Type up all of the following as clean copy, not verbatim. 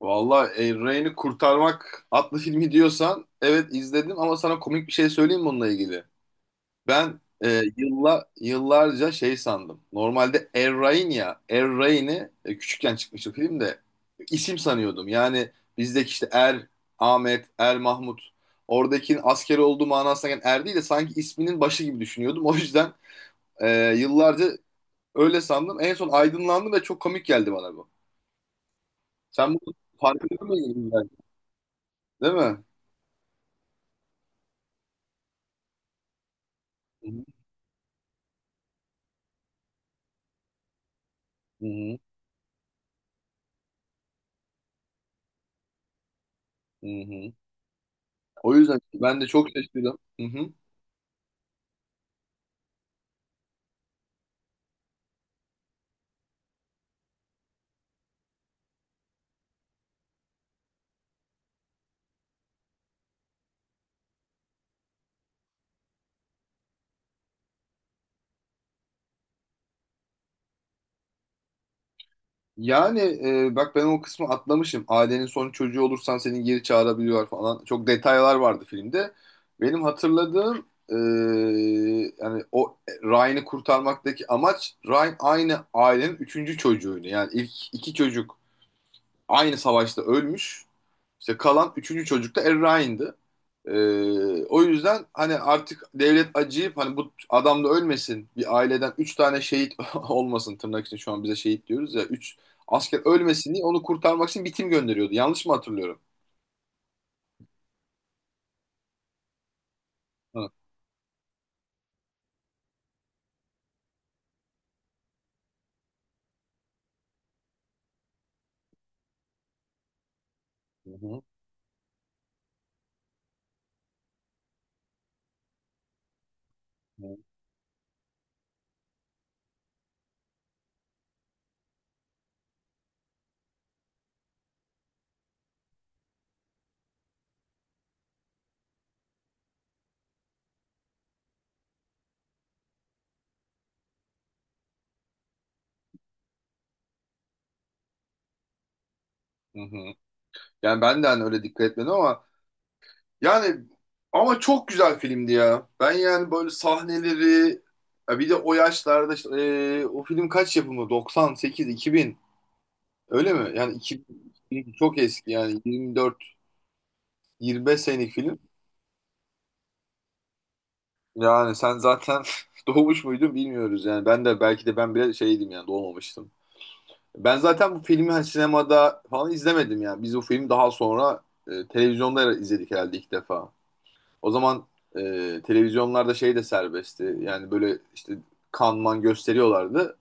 Valla Ryan'ı kurtarmak adlı filmi diyorsan evet izledim, ama sana komik bir şey söyleyeyim mi onunla ilgili? Ben yıllarca şey sandım. Normalde Er Ryan ya Er Ryan'ı küçükken çıkmıştı filmde isim sanıyordum. Yani bizdeki işte Er, Ahmet, Er Mahmut oradakinin asker olduğu manasına gelen Er değil de sanki isminin başı gibi düşünüyordum. O yüzden yıllarca öyle sandım. En son aydınlandım ve çok komik geldi bana bu. Sen bunu farkında mıydın? Yani? Değil mi? Hı hı, hı hı. O yüzden ben de çok şaşırdım. Hı hı. Yani bak ben o kısmı atlamışım. Ailenin son çocuğu olursan seni geri çağırabiliyorlar falan. Çok detaylar vardı filmde. Benim hatırladığım yani o Ryan'ı kurtarmaktaki amaç, Ryan aynı ailenin üçüncü çocuğuydu. Yani ilk iki çocuk aynı savaşta ölmüş. İşte kalan üçüncü çocuk da Errain'di. O yüzden hani artık devlet acıyıp hani bu adam da ölmesin, bir aileden üç tane şehit olmasın, tırnak için şu an bize şehit diyoruz ya, üç asker ölmesin diye onu kurtarmak için bir tim gönderiyordu. Yanlış mı hatırlıyorum? Hı. Hı hı. Hı hı. Hı. Yani ben de hani öyle dikkat etmedim ama yani, ama çok güzel filmdi ya. Ben yani böyle sahneleri, ya bir de o yaşlarda işte, o film kaç yapımı? 98, 2000. Öyle mi? Yani iki, çok eski yani 24 25 senelik film. Yani sen zaten doğmuş muydun bilmiyoruz yani. Ben de belki de, ben bile şeydim yani, doğmamıştım. Ben zaten bu filmi hani sinemada falan izlemedim yani. Biz bu filmi daha sonra televizyonda izledik herhalde ilk defa. O zaman televizyonlarda şey de serbestti. Yani böyle işte kanman gösteriyorlardı.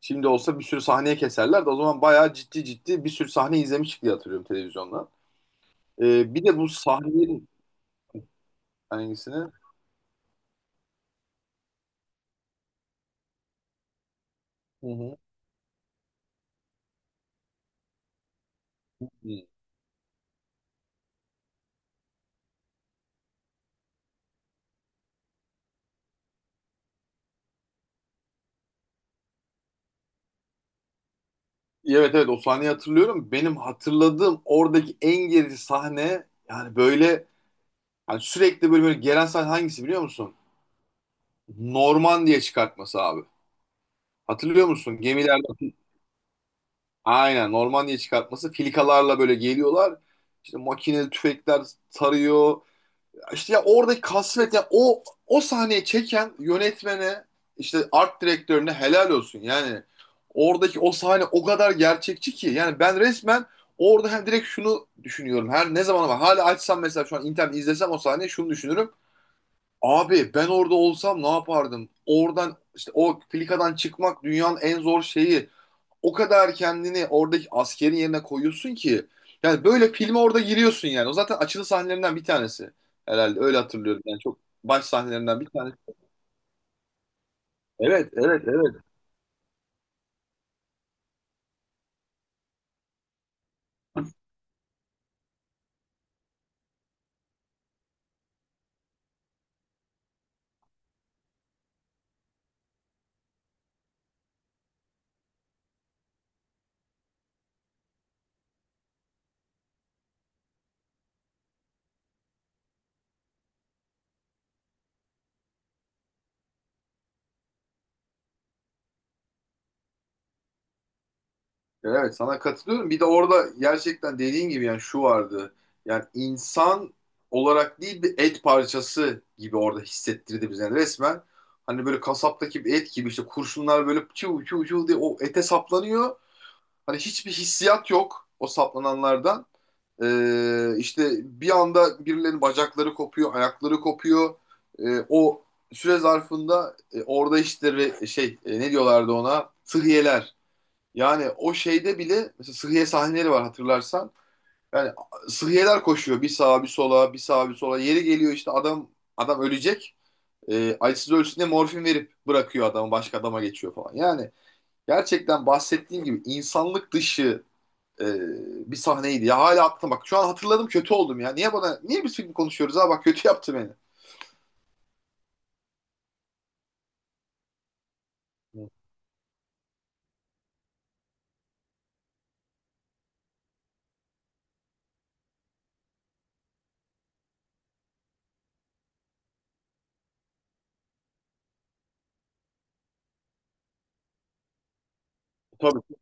Şimdi olsa bir sürü sahneye keserlerdi. O zaman bayağı ciddi ciddi bir sürü sahne izlemiştik diye hatırlıyorum televizyondan. Bir de bu sahne. Hangisini? Hı hı. Hmm. Evet evet, o sahneyi hatırlıyorum. Benim hatırladığım oradaki en gerici sahne, yani böyle hani sürekli böyle, böyle gelen sahne hangisi biliyor musun? Norman diye çıkartması abi. Hatırlıyor musun? Gemilerde aynen Norman diye çıkartması. Filikalarla böyle geliyorlar. İşte makineli tüfekler tarıyor. İşte ya oradaki kasvet, ya o sahneyi çeken yönetmene, işte art direktörüne helal olsun. Yani oradaki o sahne o kadar gerçekçi ki, yani ben resmen orada hem direkt şunu düşünüyorum. Her ne zaman ama hala açsam, mesela şu an internet izlesem o sahneyi şunu düşünürüm. Abi ben orada olsam ne yapardım? Oradan işte o filikadan çıkmak dünyanın en zor şeyi, o kadar kendini oradaki askerin yerine koyuyorsun ki, yani böyle filme orada giriyorsun yani. O zaten açılı sahnelerinden bir tanesi herhalde, öyle hatırlıyorum. Yani çok baş sahnelerinden bir tanesi. Evet, evet, evet. Evet, sana katılıyorum. Bir de orada gerçekten dediğin gibi yani şu vardı. Yani insan olarak değil, bir et parçası gibi orada hissettirdi bize, yani resmen. Hani böyle kasaptaki bir et gibi, işte kurşunlar böyle çuv çuv çuv diye o ete saplanıyor. Hani hiçbir hissiyat yok o saplananlardan. İşte bir anda birilerinin bacakları kopuyor, ayakları kopuyor. O süre zarfında orada işte şey ne diyorlardı ona? Sıhhiyeler. Yani o şeyde bile mesela sıhhiye sahneleri var hatırlarsan. Yani sıhhiyeler koşuyor bir sağa bir sola, bir sağa bir sola. Yeri geliyor işte adam ölecek. Acısız ölsün diye morfin verip bırakıyor adamı, başka adama geçiyor falan. Yani gerçekten bahsettiğim gibi insanlık dışı e, bir sahneydi ya. Hala aklım, bak. Şu an hatırladım, kötü oldum ya. Niye biz film konuşuyoruz ha, bak kötü yaptı beni. Tabii.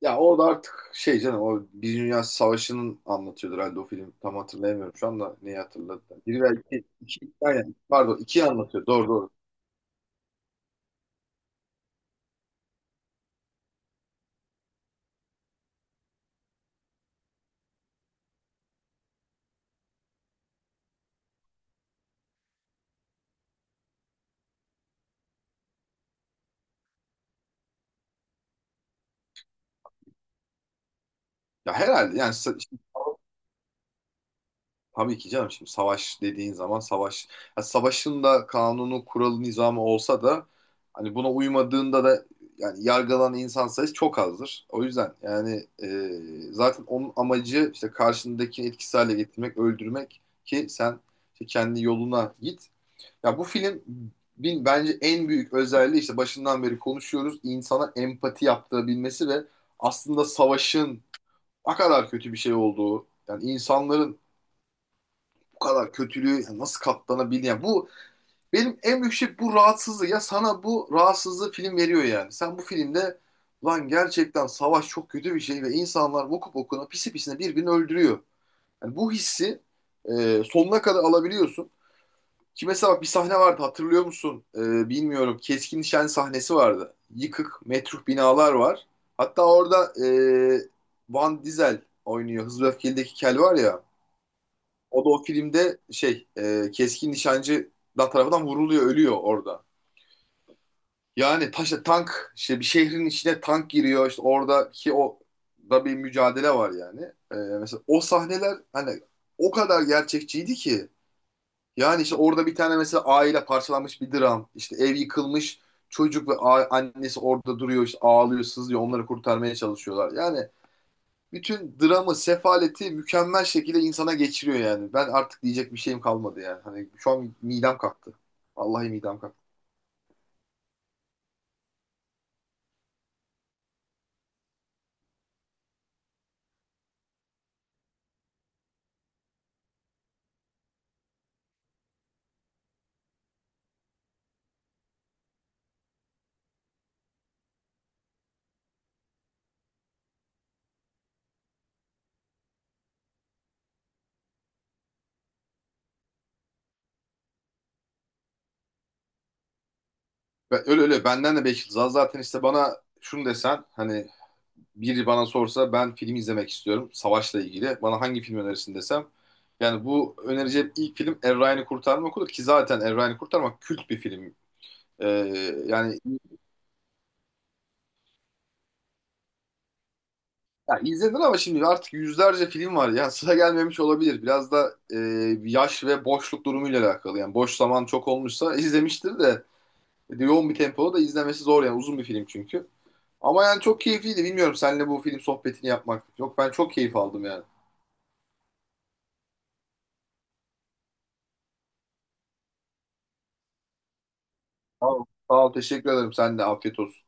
Ya orada artık şey canım, o Birinci Dünya Savaşı'nın anlatıyordu herhalde o film. Tam hatırlayamıyorum şu anda neyi hatırladı. Biri ve iki, aynen, pardon ikiyi anlatıyor. Doğru doğru. Ya herhalde yani. Tabii ki canım, şimdi savaş dediğin zaman, savaş ya, savaşın da kanunu kuralı nizamı olsa da hani buna uymadığında da yani yargılanan insan sayısı çok azdır. O yüzden yani zaten onun amacı işte karşındakini etkisiz hale getirmek, öldürmek, ki sen işte kendi yoluna git. Ya bu film, bin bence en büyük özelliği, işte başından beri konuşuyoruz, insana empati yaptırabilmesi ve aslında savaşın ne kadar kötü bir şey olduğu, yani insanların bu kadar kötülüğü nasıl katlanabilir? Yani bu benim en büyük şey, bu rahatsızlığı. Ya sana bu rahatsızlığı film veriyor yani. Sen bu filmde, lan gerçekten savaş çok kötü bir şey ve insanlar okup okuna pisi pisine birbirini öldürüyor. Yani bu hissi sonuna kadar alabiliyorsun. Ki mesela bak, bir sahne vardı hatırlıyor musun? E, bilmiyorum. Keskin nişan sahnesi vardı. Yıkık, metruh binalar var. Hatta orada Van Diesel oynuyor. Hızlı ve Öfkeli'deki Kel var ya. O da o filmde şey keskin nişancı da tarafından vuruluyor, ölüyor orada. Yani taşla tank, işte bir şehrin içine tank giriyor, işte oradaki o da bir mücadele var yani. Mesela o sahneler hani o kadar gerçekçiydi ki, yani işte orada bir tane mesela aile parçalanmış bir dram, işte ev yıkılmış, çocuk ve annesi orada duruyor, işte ağlıyor sızlıyor, onları kurtarmaya çalışıyorlar. Yani bütün dramı, sefaleti mükemmel şekilde insana geçiriyor yani. Ben artık diyecek bir şeyim kalmadı yani. Hani şu an midem kalktı. Vallahi midem kalktı. Ben, öyle öyle, benden de 5 yıldız az. Zaten işte bana şunu desen hani, biri bana sorsa ben film izlemek istiyorum savaşla ilgili, bana hangi film önerirsin desem, yani bu önereceğim ilk film Er Ryan'ı Kurtarmak olur, ki zaten Er Ryan'ı Kurtarmak kült bir film. Ee, Yani, ya izledin ama şimdi artık yüzlerce film var ya, sıra gelmemiş olabilir. Biraz da yaş ve boşluk durumuyla alakalı. Yani boş zaman çok olmuşsa izlemiştir de yoğun bir tempoda da izlemesi zor, yani uzun bir film çünkü. Ama yani çok keyifliydi. Bilmiyorum, seninle bu film sohbetini yapmak. Yok, ben çok keyif aldım yani. Sağ ol. Sağ ol, teşekkür ederim. Sen de afiyet olsun.